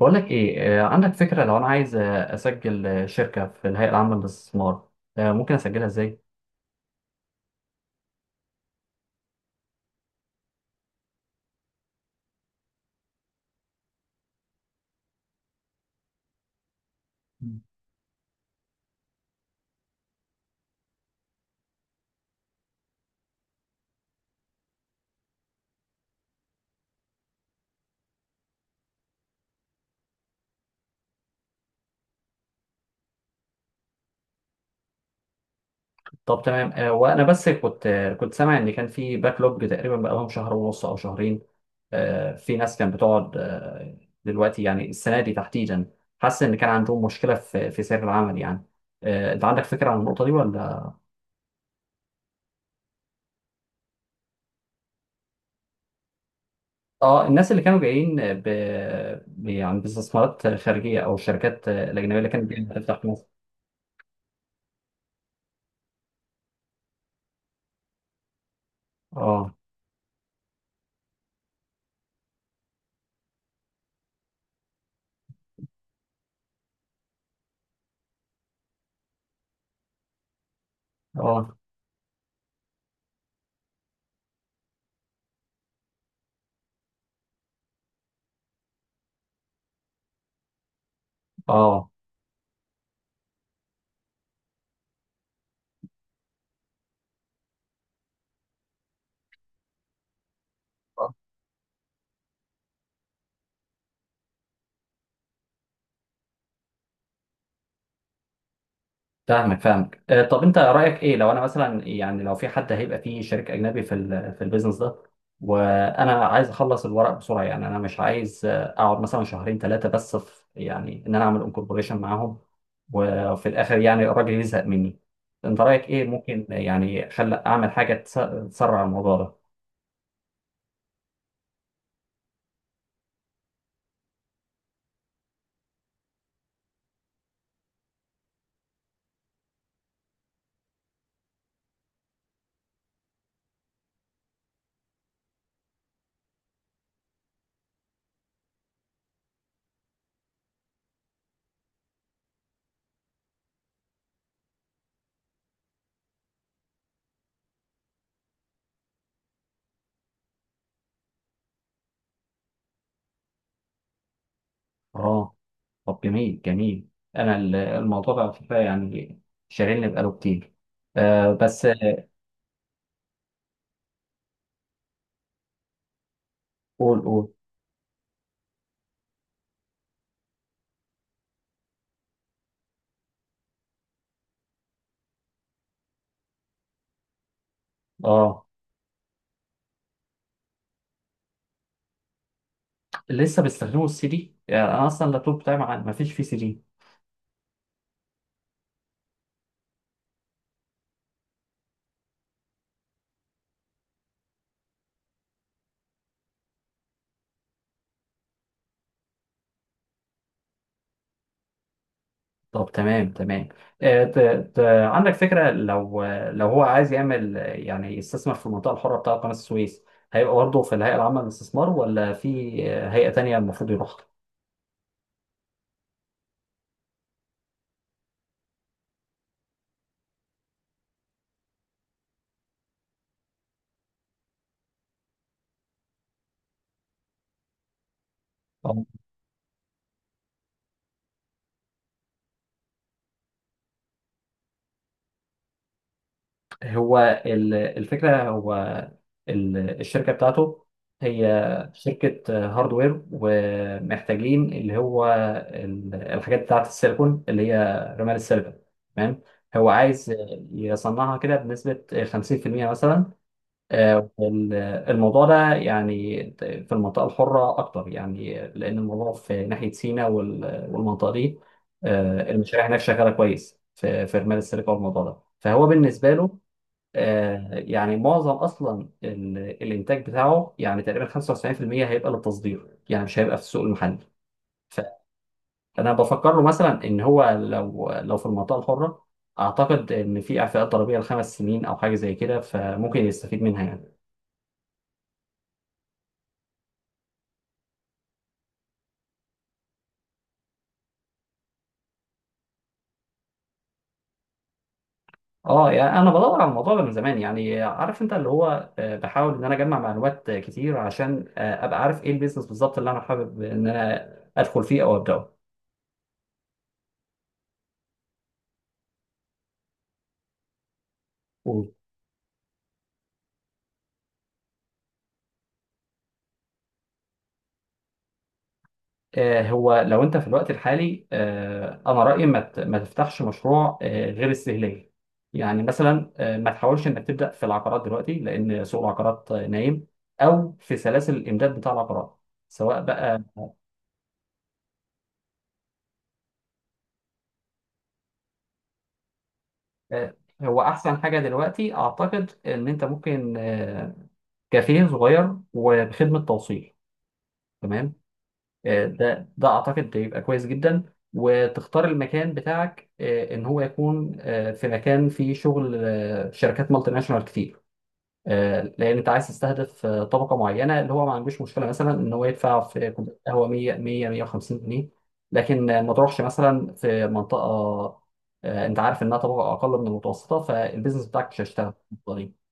بقولك ايه، عندك فكرة لو انا عايز اسجل شركة في الهيئة العامة للاستثمار. ممكن اسجلها ازاي؟ طب تمام. وانا بس كنت سامع ان كان في باكلوج تقريبا بقالهم شهر ونص او شهرين. في ناس كانت بتقعد، دلوقتي يعني السنة دي تحديدا، حاسس ان كان عندهم مشكلة في سير العمل يعني. انت عندك فكرة عن النقطة دي ولا؟ اه، الناس اللي كانوا جايين يعني باستثمارات خارجية او الشركات، الاجنبية اللي كانت بتفتح في مصر. اه اه اه، فاهمك فاهمك. طب انت رايك ايه، لو انا مثلا يعني لو في حد هيبقى فيه شريك اجنبي في البيزنس ده، وانا عايز اخلص الورق بسرعه، يعني انا مش عايز اقعد مثلا شهرين ثلاثه، بس في يعني ان انا اعمل انكوربوريشن معاهم وفي الاخر يعني الراجل يزهق مني. انت رايك ايه، ممكن يعني خل اعمل حاجه تسرع الموضوع ده؟ اه، طب جميل جميل. انا الموضوع ده على فكره يعني شاغلني بقاله كتير. آه، بس قول قول. اه، لسه بيستخدموا السي دي؟ يعني انا اصلا اللابتوب بتاعي ما فيش فيه سي دي. طب تمام تمام. آه، ت... ت... عندك فكره، لو هو عايز يعمل، يعني يستثمر في المنطقه الحره بتاعه قناه السويس، هيبقى برضه في الهيئه العامه للاستثمار ولا في هيئه تانيه المفروض يروحها؟ آه. هو الفكرة، هو الشركة بتاعته، هي شركة هاردوير، ومحتاجين اللي هو الحاجات بتاعة السيليكون، اللي هي رمال السيليكون، تمام. هو عايز يصنعها كده بنسبة 50% مثلا. آه، وال- الموضوع ده يعني في المنطقة الحرة أكتر، يعني لأن الموضوع في ناحية سيناء والمنطقة دي. المشاريع هناك شغالة كويس في رمال السيليكون والموضوع ده، فهو بالنسبة له، يعني معظم اصلا الانتاج بتاعه يعني تقريبا 95% هيبقى للتصدير، يعني مش هيبقى في السوق المحلي. فانا بفكر له مثلا ان هو، لو في المنطقه الحره، اعتقد ان في اعفاءات ضريبيه ل5 سنين او حاجه زي كده، فممكن يستفيد منها يعني. اه، يعني انا بدور على الموضوع ده من زمان يعني، عارف انت اللي هو، بحاول ان انا اجمع معلومات كتير عشان ابقى عارف ايه البيزنس بالظبط اللي انا حابب ان انا ادخل فيه او ابداه. هو لو انت في الوقت الحالي، انا رايي ما تفتحش مشروع غير استهلاكي. يعني مثلا، ما تحاولش انك تبدا في العقارات دلوقتي لان سوق العقارات نايم، او في سلاسل الامداد بتاع العقارات سواء بقى. هو احسن حاجه دلوقتي، اعتقد ان انت ممكن كافيه صغير وبخدمه توصيل، تمام. ده اعتقد بيبقى كويس جدا. وتختار المكان بتاعك، ان هو يكون في مكان فيه شغل، شركات مالتي ناشونال كتير. لان انت عايز تستهدف طبقه معينه، اللي هو ما عندوش مشكله مثلا ان هو يدفع في كوبايه قهوه 100 100 150 جنيه. لكن ما تروحش مثلا في منطقه، انت عارف انها طبقه اقل من المتوسطه، فالبيزنس بتاعك مش هيشتغل بالطريقة.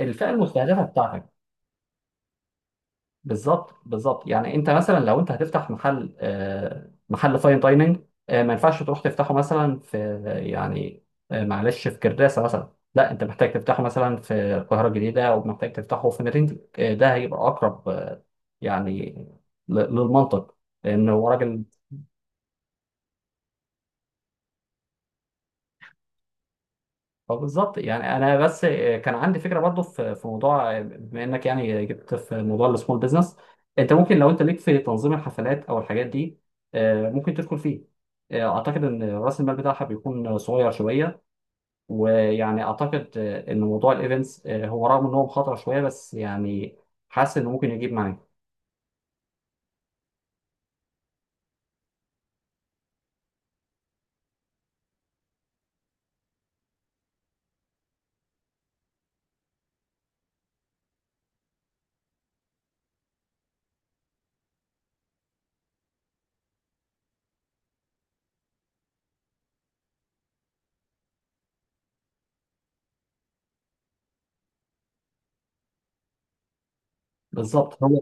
الفئه المستهدفه بتاعتك، بالظبط بالظبط. يعني انت مثلا لو انت هتفتح محل فاين دايننج. ما ينفعش تروح تفتحه مثلا في، يعني، معلش، في كرداسه مثلا، لا، انت محتاج تفتحه مثلا في القاهره الجديده، او محتاج تفتحه في مدينتك. ده هيبقى اقرب يعني للمنطق، لان هو راجل. اه بالظبط. يعني انا بس كان عندي فكره برضو في موضوع، بما انك يعني جبت في موضوع السمول بزنس، انت ممكن لو انت ليك في تنظيم الحفلات او الحاجات دي. ممكن تدخل فيه. اعتقد ان راس المال بتاعها بيكون صغير شويه، ويعني اعتقد، ان موضوع الايفنتس هو، رغم ان هو مخاطره شويه، بس يعني حاسس انه ممكن يجيب معاك، بالظبط. هو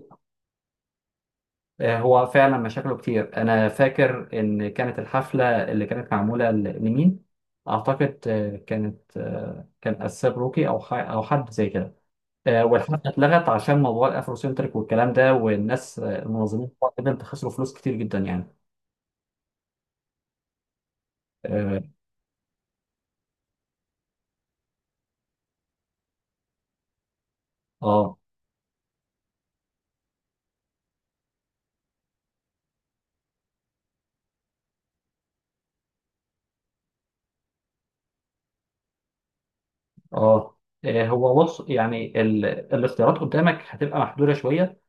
فعلا مشاكله كتير. انا فاكر ان كانت الحفله اللي كانت معموله لمين، اعتقد، كان اساب روكي او او حد زي كده. والحفله اتلغت عشان موضوع الافروسنتريك والكلام ده، والناس، المنظمين بتوع الايفنت، خسروا فلوس كتير جدا يعني. اه اه. آه. هو بص يعني الاختيارات قدامك هتبقى محدوده شويه.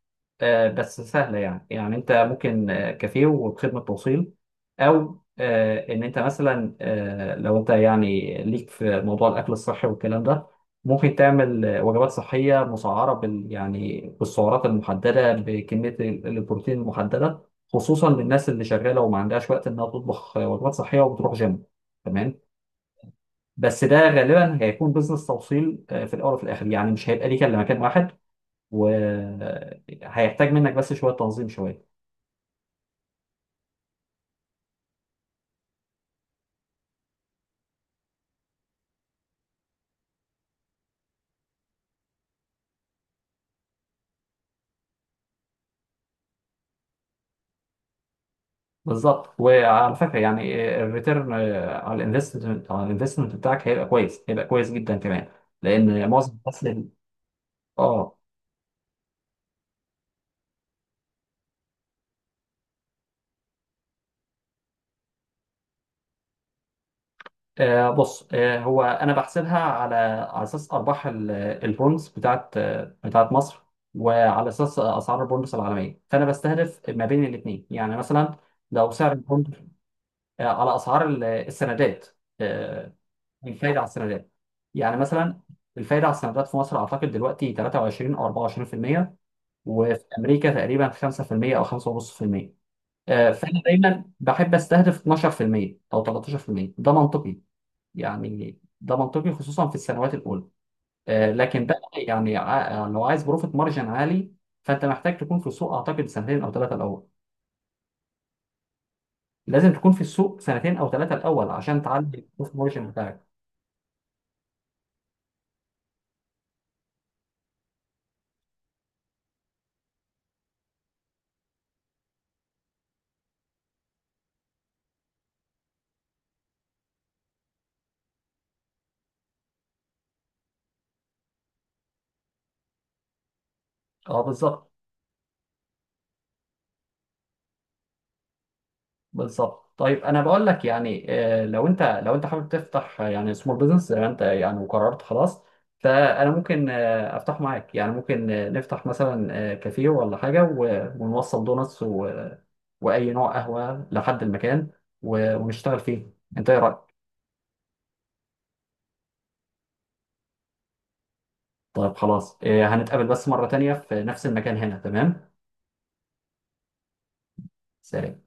بس سهلة يعني أنت ممكن، كافيه وبخدمة توصيل، أو، إن أنت مثلا، لو أنت يعني ليك في موضوع الأكل الصحي والكلام ده، ممكن تعمل وجبات صحية مسعرة يعني بالسعرات المحددة، بكمية البروتين المحددة، خصوصا للناس اللي شغالة وما عندهاش وقت إنها تطبخ وجبات صحية وبتروح جيم، تمام. بس ده غالبا هيكون بزنس توصيل، في الأول، وفي الآخر يعني مش هيبقى ليك إلا مكان واحد، وهيحتاج منك بس شويه تنظيم شويه. بالظبط، وعلى فكره يعني الريتيرن على الانفستمنت بتاعك هيبقى كويس، هيبقى كويس جدا كمان، لان معظم الناس اه. بص، هو انا بحسبها على اساس ارباح البونز بتاعت مصر، وعلى اساس اسعار البونز العالميه، فانا بستهدف ما بين الاثنين، يعني مثلا لو سعر البوند، على اسعار السندات. آه، الفايدة على السندات، يعني مثلا الفايدة على السندات في مصر أعتقد دلوقتي 23 أو 24%، وفي أمريكا تقريبا 5% أو 5.5%. فأنا دايما بحب أستهدف 12% أو 13%، ده منطقي. يعني ده منطقي خصوصا في السنوات الأولى. لكن بقى يعني، يعني لو عايز بروفيت مارجن عالي، فأنت محتاج تكون في السوق أعتقد سنتين أو ثلاثة الأول. لازم تكون في السوق سنتين أو ثلاثة الأول عشان تعلي البروفيت مارجن بتاعك. اه بالظبط بالظبط. طيب انا بقول لك، يعني، لو انت حابب تفتح، يعني سمول بزنس زي ما انت يعني وقررت خلاص، فانا ممكن افتح معاك، يعني ممكن نفتح مثلا كافيه ولا حاجه، ونوصل دونتس واي نوع قهوه لحد المكان، ونشتغل فيه، انت ايه رايك؟ طيب خلاص. هنتقابل بس مره تانية في نفس المكان هنا، تمام؟ سلام.